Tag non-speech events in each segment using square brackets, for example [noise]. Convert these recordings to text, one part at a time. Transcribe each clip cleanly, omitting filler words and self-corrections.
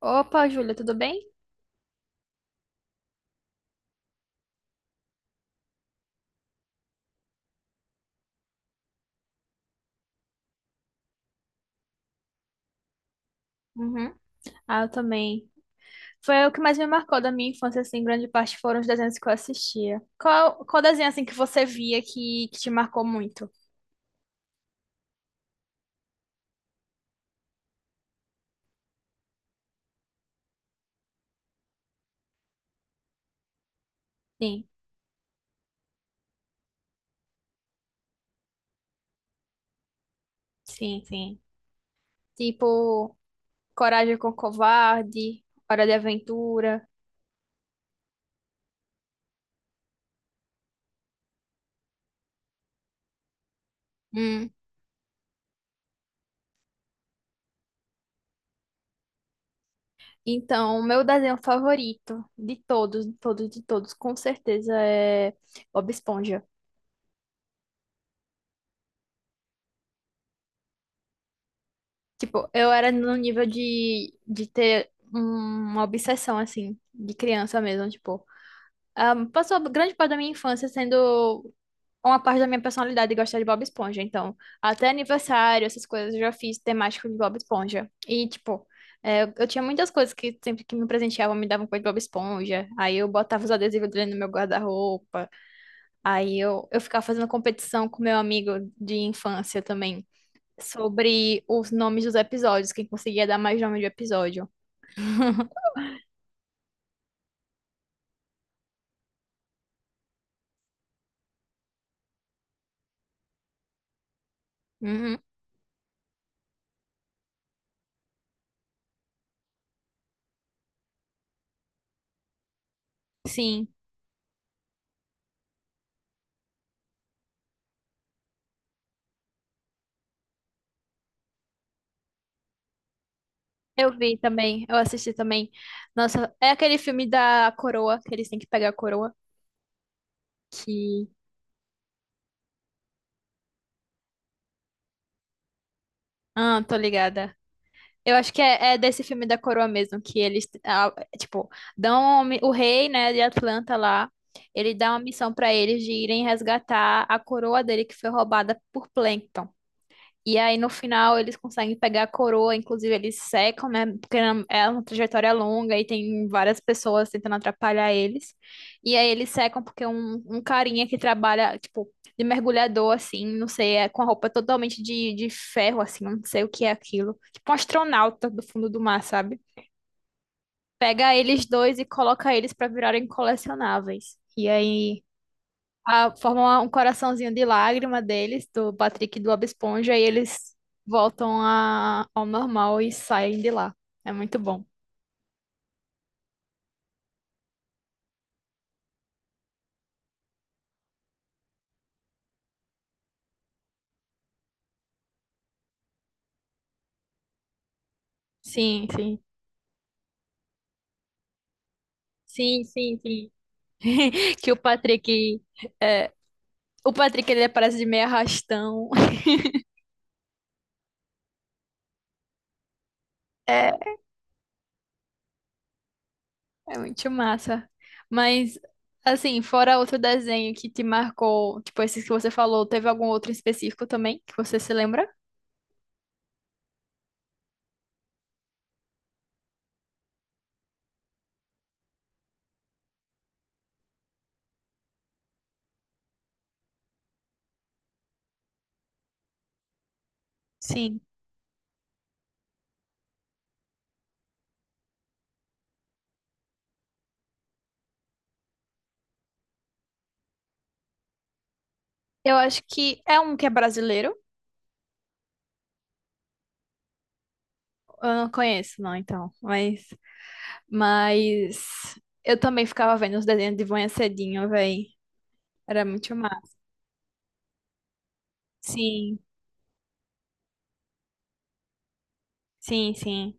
Opa, Júlia, tudo bem? Uhum. Ah, eu também. Foi o que mais me marcou da minha infância, assim, grande parte foram os desenhos que eu assistia. Qual desenho, assim, que você via que te marcou muito? Sim, sim, sim. Tipo, Coragem com Covarde, Hora de Aventura. Hum. Então, o meu desenho favorito de todos, de todos, de todos, com certeza é Bob Esponja. Tipo, eu era no nível de ter uma obsessão, assim, de criança mesmo, tipo. Passou grande parte da minha infância sendo uma parte da minha personalidade de gostar de Bob Esponja. Então, até aniversário, essas coisas, eu já fiz temático de Bob Esponja. E, tipo, eu tinha muitas coisas que sempre que me presenteavam me davam coisa de Bob Esponja. Aí eu botava os adesivos dele no meu guarda-roupa. Aí eu ficava fazendo competição com meu amigo de infância também, sobre os nomes dos episódios, quem conseguia dar mais nome de episódio. [laughs] Uhum. Sim. Eu vi também, eu assisti também. Nossa, é aquele filme da coroa, que eles têm que pegar a coroa, que... Ah, tô ligada. Eu acho que é desse filme da coroa mesmo, que eles, ah, tipo, dão uma o rei, né, de Atlanta lá, ele dá uma missão pra eles de irem resgatar a coroa dele que foi roubada por Plankton. E aí, no final, eles conseguem pegar a coroa, inclusive eles secam, né? Porque é uma trajetória longa e tem várias pessoas tentando atrapalhar eles. E aí, eles secam porque um carinha que trabalha, tipo, de mergulhador, assim, não sei, é com a roupa totalmente de ferro, assim, não sei o que é aquilo. Tipo um astronauta do fundo do mar, sabe? Pega eles dois e coloca eles pra virarem colecionáveis. E aí, formam um coraçãozinho de lágrima deles, do Patrick e do Bob Esponja, e eles voltam ao normal e saem de lá. É muito bom. Sim, sim. Sim, sim, sim. [laughs] Que o Patrick. É, o Patrick ele aparece de meio arrastão. [laughs] É muito massa. Mas, assim, fora outro desenho que te marcou, tipo esses que você falou, teve algum outro específico também que você se lembra? Sim. Eu acho que é um que é brasileiro. Eu não conheço, não, então. Mas eu também ficava vendo os desenhos de manhã cedinho, véi. Era muito massa. Sim, sim, sim.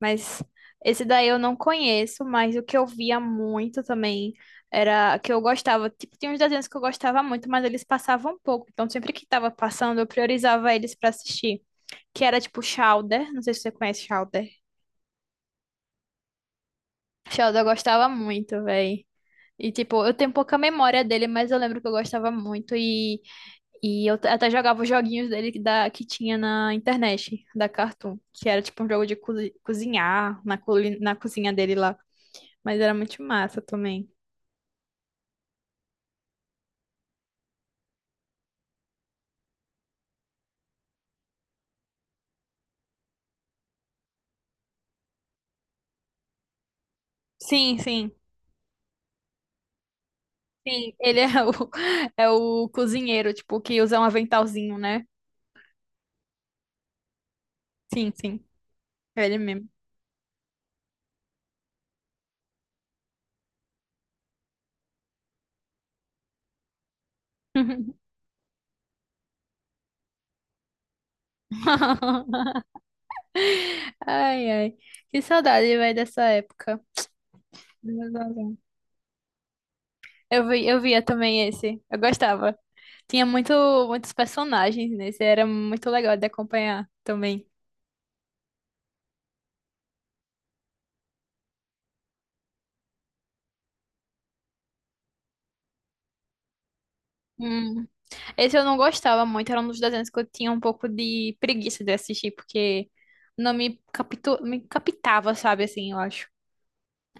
Mas esse daí eu não conheço, mas o que eu via muito também era que eu gostava. Tipo, tinha uns desenhos que eu gostava muito, mas eles passavam pouco. Então, sempre que tava passando, eu priorizava eles pra assistir. Que era tipo Chowder. Não sei se você conhece Chowder. Chowder eu gostava muito, véi. E tipo, eu tenho pouca memória dele, mas eu lembro que eu gostava muito. E eu até jogava os joguinhos dele que tinha na internet, da Cartoon. Que era tipo um jogo de cozinhar na, na cozinha dele lá. Mas era muito massa também. Sim, sim, sim. [laughs] É o cozinheiro, tipo, que usa um aventalzinho, né? Sim, sim. É ele mesmo. [laughs] Ai, ai. Que saudade, velho, dessa época. Eu vi, eu via também esse. Eu gostava. Tinha muito, muitos personagens nesse. Era muito legal de acompanhar também. Esse eu não gostava muito, era um dos desenhos que eu tinha um pouco de preguiça de assistir, porque não me, capitu... me captava, sabe, assim, eu acho.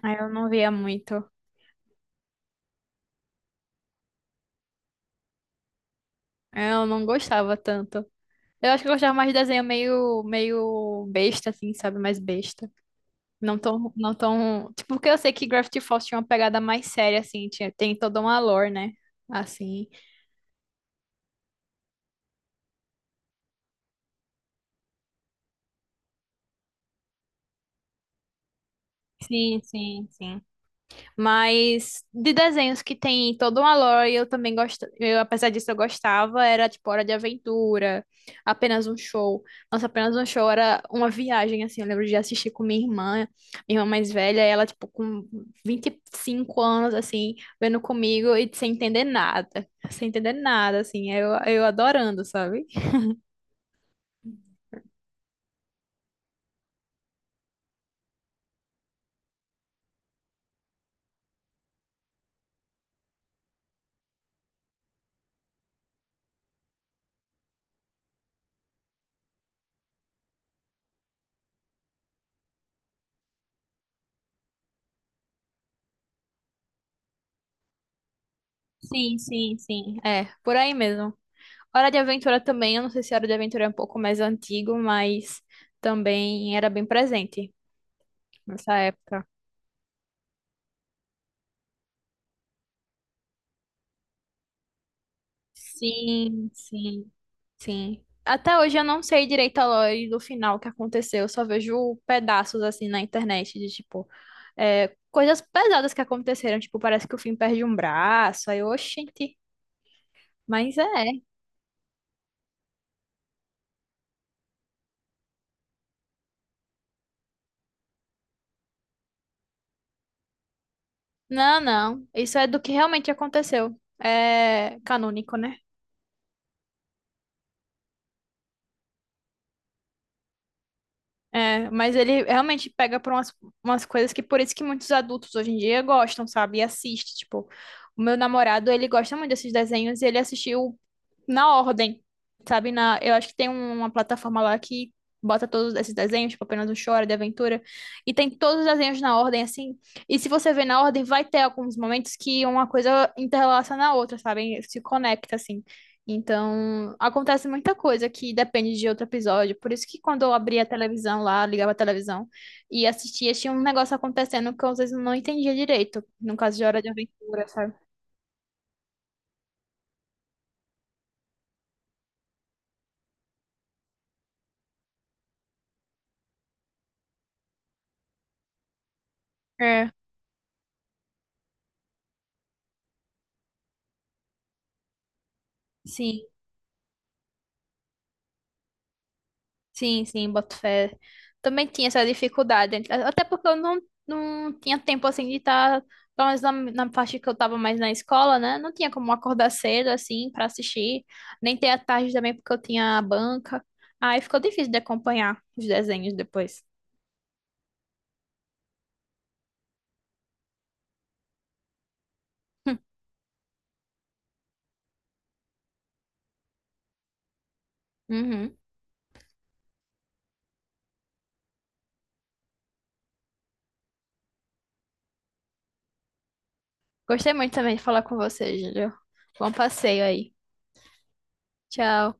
Aí eu não via muito. Eu não gostava tanto. Eu acho que eu gostava mais de desenho meio, meio besta, assim, sabe? Mais besta. Não tão, não tão... Tipo, porque eu sei que Gravity Falls tinha uma pegada mais séria, assim, tinha, tem toda uma lore, né? Assim. Sim, sim, sim. Mas de desenhos que tem toda uma lore, eu também gosto. Eu, apesar disso, eu gostava. Era tipo Hora de Aventura, apenas um show. Nossa, apenas um show era uma viagem, assim. Eu lembro de assistir com minha irmã mais velha, e ela, tipo, com 25 anos, assim, vendo comigo e sem entender nada. Sem entender nada, assim. Eu adorando, sabe? Sim, sim, sim. É, por aí mesmo. Hora de Aventura também, eu não sei se Hora de Aventura é um pouco mais antigo, mas também era bem presente nessa época. Sim, sim, sim. Até hoje eu não sei direito a lore do final que aconteceu, eu só vejo pedaços assim na internet de tipo coisas pesadas que aconteceram, tipo, parece que o Finn perde um braço, aí, oxente, mas é. Não, não, isso é do que realmente aconteceu. É canônico, né? É, mas ele realmente pega por umas, umas coisas que por isso que muitos adultos hoje em dia gostam, sabe? E assiste, tipo, o meu namorado, ele gosta muito desses desenhos e ele assistiu na ordem, sabe? Na, eu acho que tem uma plataforma lá que bota todos esses desenhos, tipo apenas o Chora, de Aventura, e tem todos os desenhos na ordem, assim. E se você vê na ordem, vai ter alguns momentos que uma coisa interrelaciona a outra, sabe? Se conecta, assim. Então, acontece muita coisa que depende de outro episódio. Por isso que quando eu abria a televisão lá, ligava a televisão e assistia, tinha um negócio acontecendo que eu, às vezes eu não entendia direito. No caso de Hora de Aventura, sabe? É, sim. Sim, sim, boto fé. Também tinha essa dificuldade. Até porque eu não, não tinha tempo assim de estar, pelo menos na parte que eu estava mais na escola, né? Não tinha como acordar cedo assim para assistir, nem ter a tarde também porque eu tinha a banca. Aí ficou difícil de acompanhar os desenhos depois. [laughs] Uhum. Gostei muito também de falar com você, Júlio. Bom passeio aí. Tchau.